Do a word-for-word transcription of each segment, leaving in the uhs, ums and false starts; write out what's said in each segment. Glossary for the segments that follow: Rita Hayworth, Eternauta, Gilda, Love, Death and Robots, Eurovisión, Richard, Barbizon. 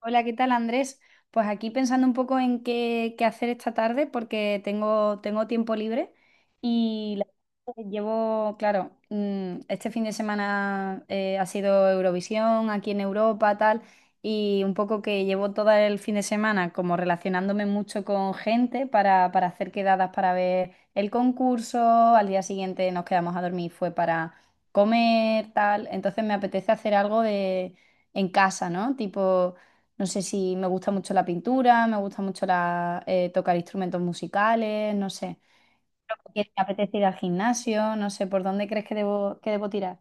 Hola, ¿qué tal, Andrés? Pues aquí pensando un poco en qué, qué hacer esta tarde porque tengo, tengo tiempo libre y la verdad que llevo, claro, mm, este fin de semana eh, ha sido Eurovisión aquí en Europa, tal, y un poco que llevo todo el fin de semana como relacionándome mucho con gente para, para hacer quedadas para ver el concurso, al día siguiente nos quedamos a dormir, fue para comer, tal, entonces me apetece hacer algo de, en casa, ¿no? Tipo... No sé si me gusta mucho la pintura, me gusta mucho la- eh, tocar instrumentos musicales, no sé. Porque me apetece ir al gimnasio, no sé por dónde crees que debo, que debo tirar.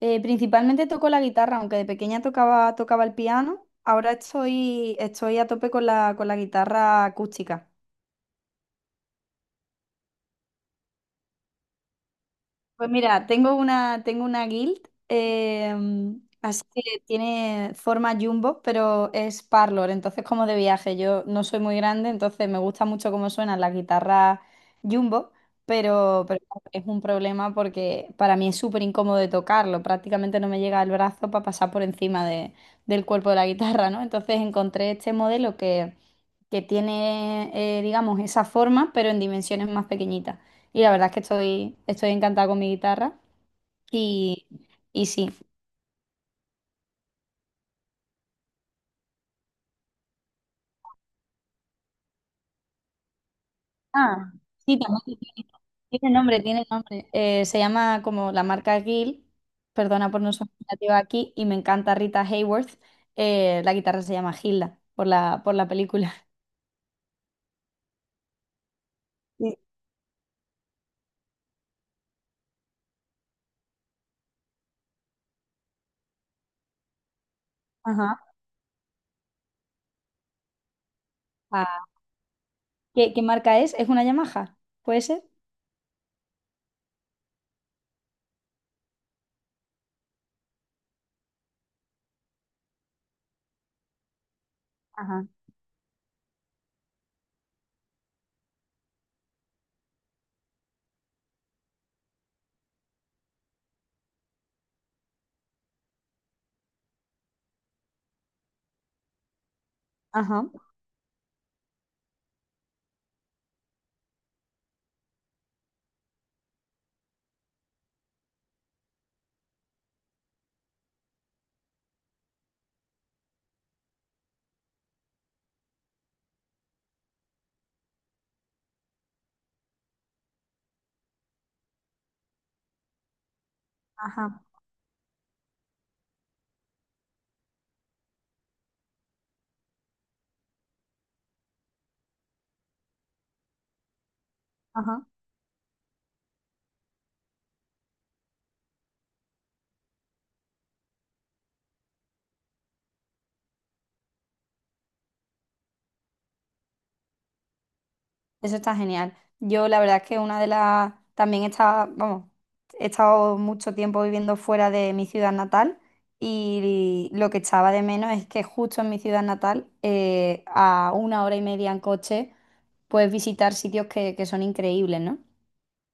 Eh, principalmente toco la guitarra, aunque de pequeña tocaba, tocaba el piano, ahora estoy, estoy a tope con la, con la guitarra acústica. Pues mira, tengo una, tengo una guild, em, así que tiene forma jumbo, pero es parlor, entonces como de viaje. Yo no soy muy grande, entonces me gusta mucho cómo suenan las guitarras jumbo, pero, pero claro, es un problema porque para mí es súper incómodo de tocarlo, prácticamente no me llega el brazo para pasar por encima de- del cuerpo de la guitarra, ¿no? Entonces encontré este modelo que, que tiene, eh, digamos, esa forma, pero en dimensiones más pequeñitas. Y la verdad es que estoy, estoy encantada con mi guitarra. Y, y sí. Ah, sí, también tiene, tiene nombre, tiene nombre. Eh, se llama como la marca Gill. Perdona por no ser creativa aquí. Y me encanta Rita Hayworth. Eh, la guitarra se llama Gilda por la, por la película. Sí. Ajá. Ah, ¿Qué, qué marca es? ¿Es una Yamaha? ¿Puede ser? Ajá, ajá, ajá, ajá. Eso está genial. Yo la verdad es que una de las... También está vamos, he estado mucho tiempo viviendo fuera de mi ciudad natal y lo que echaba de menos es que justo en mi ciudad natal, eh, a una hora y media en coche, puedes visitar sitios que, que son increíbles, ¿no?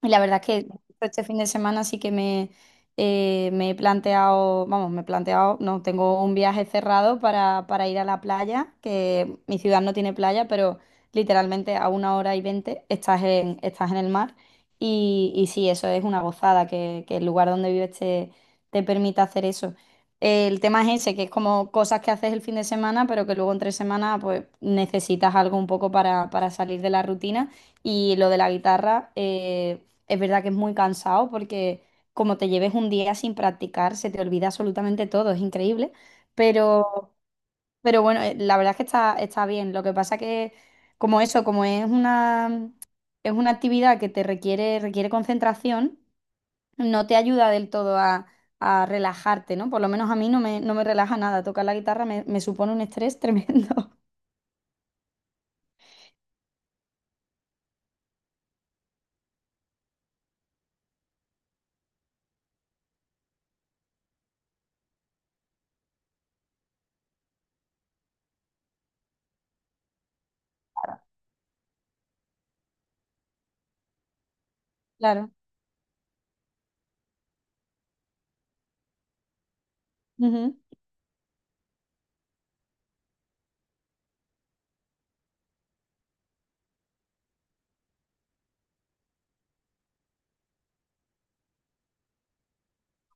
Y la verdad es que este fin de semana sí que me, eh, me he planteado, vamos, me he planteado, no, tengo un viaje cerrado para, para ir a la playa, que mi ciudad no tiene playa, pero literalmente a una hora y veinte estás en, estás en el mar. Y, y sí, eso es una gozada, que, que el lugar donde vives te, te permita hacer eso. El tema es ese, que es como cosas que haces el fin de semana, pero que luego entre semana pues necesitas algo un poco para, para salir de la rutina. Y lo de la guitarra, eh, es verdad que es muy cansado porque como te lleves un día sin practicar, se te olvida absolutamente todo, es increíble. Pero, pero bueno, eh, la verdad es que está, está bien. Lo que pasa que como eso, como es una, es una actividad que te requiere, requiere concentración, no te ayuda del todo a, a relajarte, ¿no? Por lo menos a mí no me, no me relaja nada. Tocar la guitarra me, me supone un estrés tremendo. Claro. Ujú.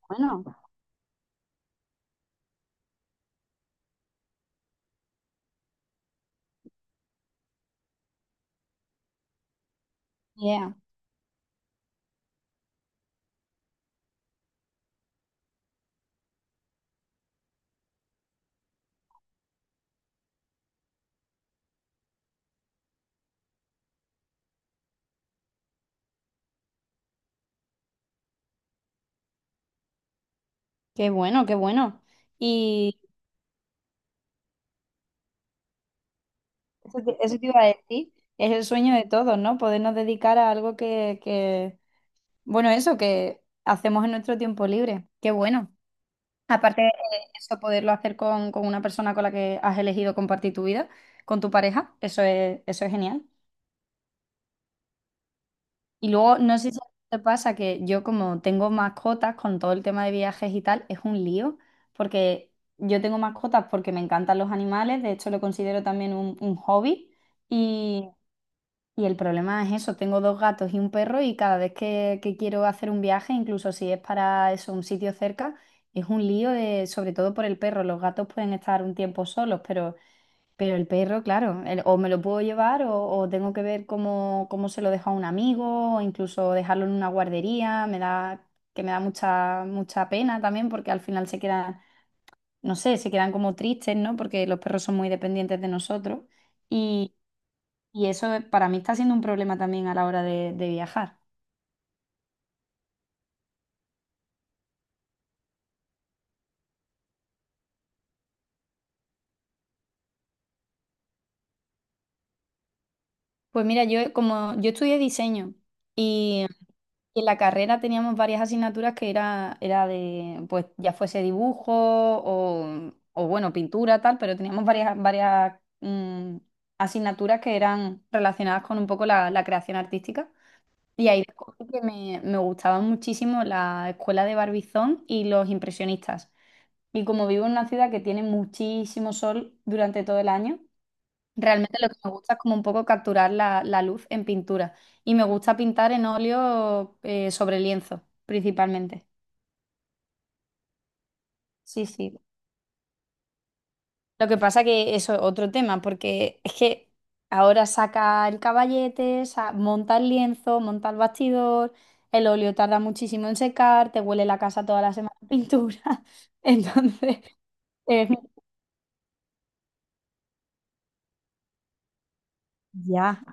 Bueno, yeah. Qué bueno, qué bueno. Eso te, eso te iba a decir, es el sueño de todos, ¿no? Podernos dedicar a algo que, que- bueno, eso que hacemos en nuestro tiempo libre. Qué bueno. Aparte de eso, poderlo hacer con, con una persona con la que has elegido compartir tu vida, con tu pareja, eso es, eso es genial. Y luego, no sé si a ti te pasa que yo como tengo mascotas con todo el tema de viajes y tal, es un lío, porque yo tengo mascotas porque me encantan los animales, de hecho lo considero también un un hobby. Y el problema es eso, tengo dos gatos y un perro y cada vez que, que quiero hacer un viaje, incluso si es para eso, un sitio cerca, es un lío de, sobre todo por el perro. Los gatos pueden estar un tiempo solos, pero, pero el perro, claro, el- o me lo puedo llevar o, o tengo que ver cómo, cómo se lo dejo a un amigo, o incluso dejarlo en una guardería, me da, que me da mucha, mucha pena también, porque al final se quedan, no sé, se quedan como tristes, ¿no? Porque los perros son muy dependientes de nosotros. Y eso eh, para mí está siendo un problema también a la hora de, de viajar. Pues mira, yo eh, como yo estudié diseño y en la carrera teníamos varias asignaturas que era, era de, pues ya fuese dibujo o, o, bueno, pintura, tal, pero teníamos varias, varias mm, asignaturas que eran relacionadas con un poco la, la creación artística. Y ahí descubrí que me, me gustaba muchísimo la escuela de Barbizón y los impresionistas. Y como vivo en una ciudad que tiene muchísimo sol durante todo el año, realmente lo que me gusta es como un poco capturar la, la luz en pintura. Y me gusta pintar en óleo eh, sobre lienzo, principalmente. Sí, sí. Lo que pasa que eso es otro tema, porque es que ahora saca el caballete, sa- monta el lienzo, monta el bastidor, el óleo tarda muchísimo en secar, te huele la casa toda la semana de pintura. Entonces, es- ya.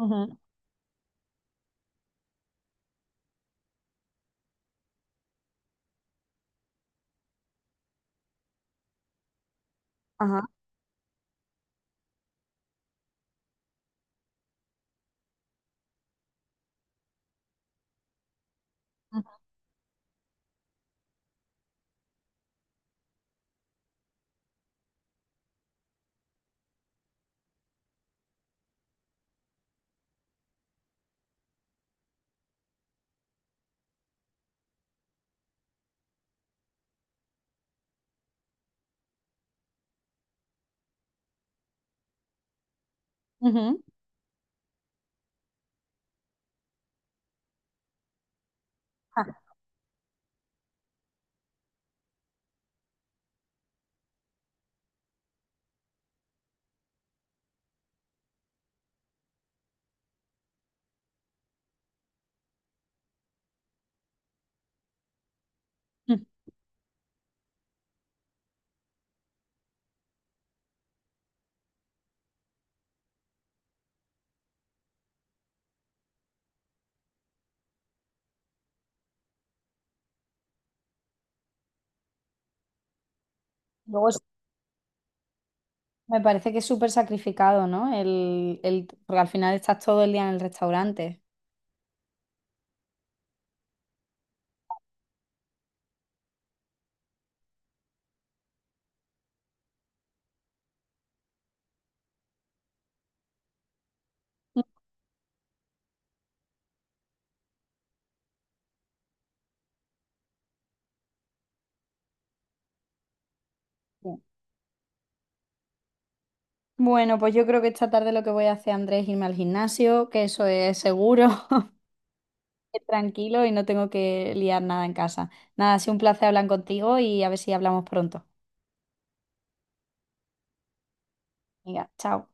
Ujú, ajá, ujú, ujú. Ah, mm. Luego me parece que es súper sacrificado, ¿no? El, el, porque al final estás todo el día en el restaurante. Ujú. Bueno, pues yo creo que esta tarde lo que voy a hacer, Andrés, es irme al gimnasio, que eso es seguro, es tranquilo y no tengo que liar nada en casa. Nada, ha sido un placer hablar contigo y a ver si hablamos pronto. Venga, chao.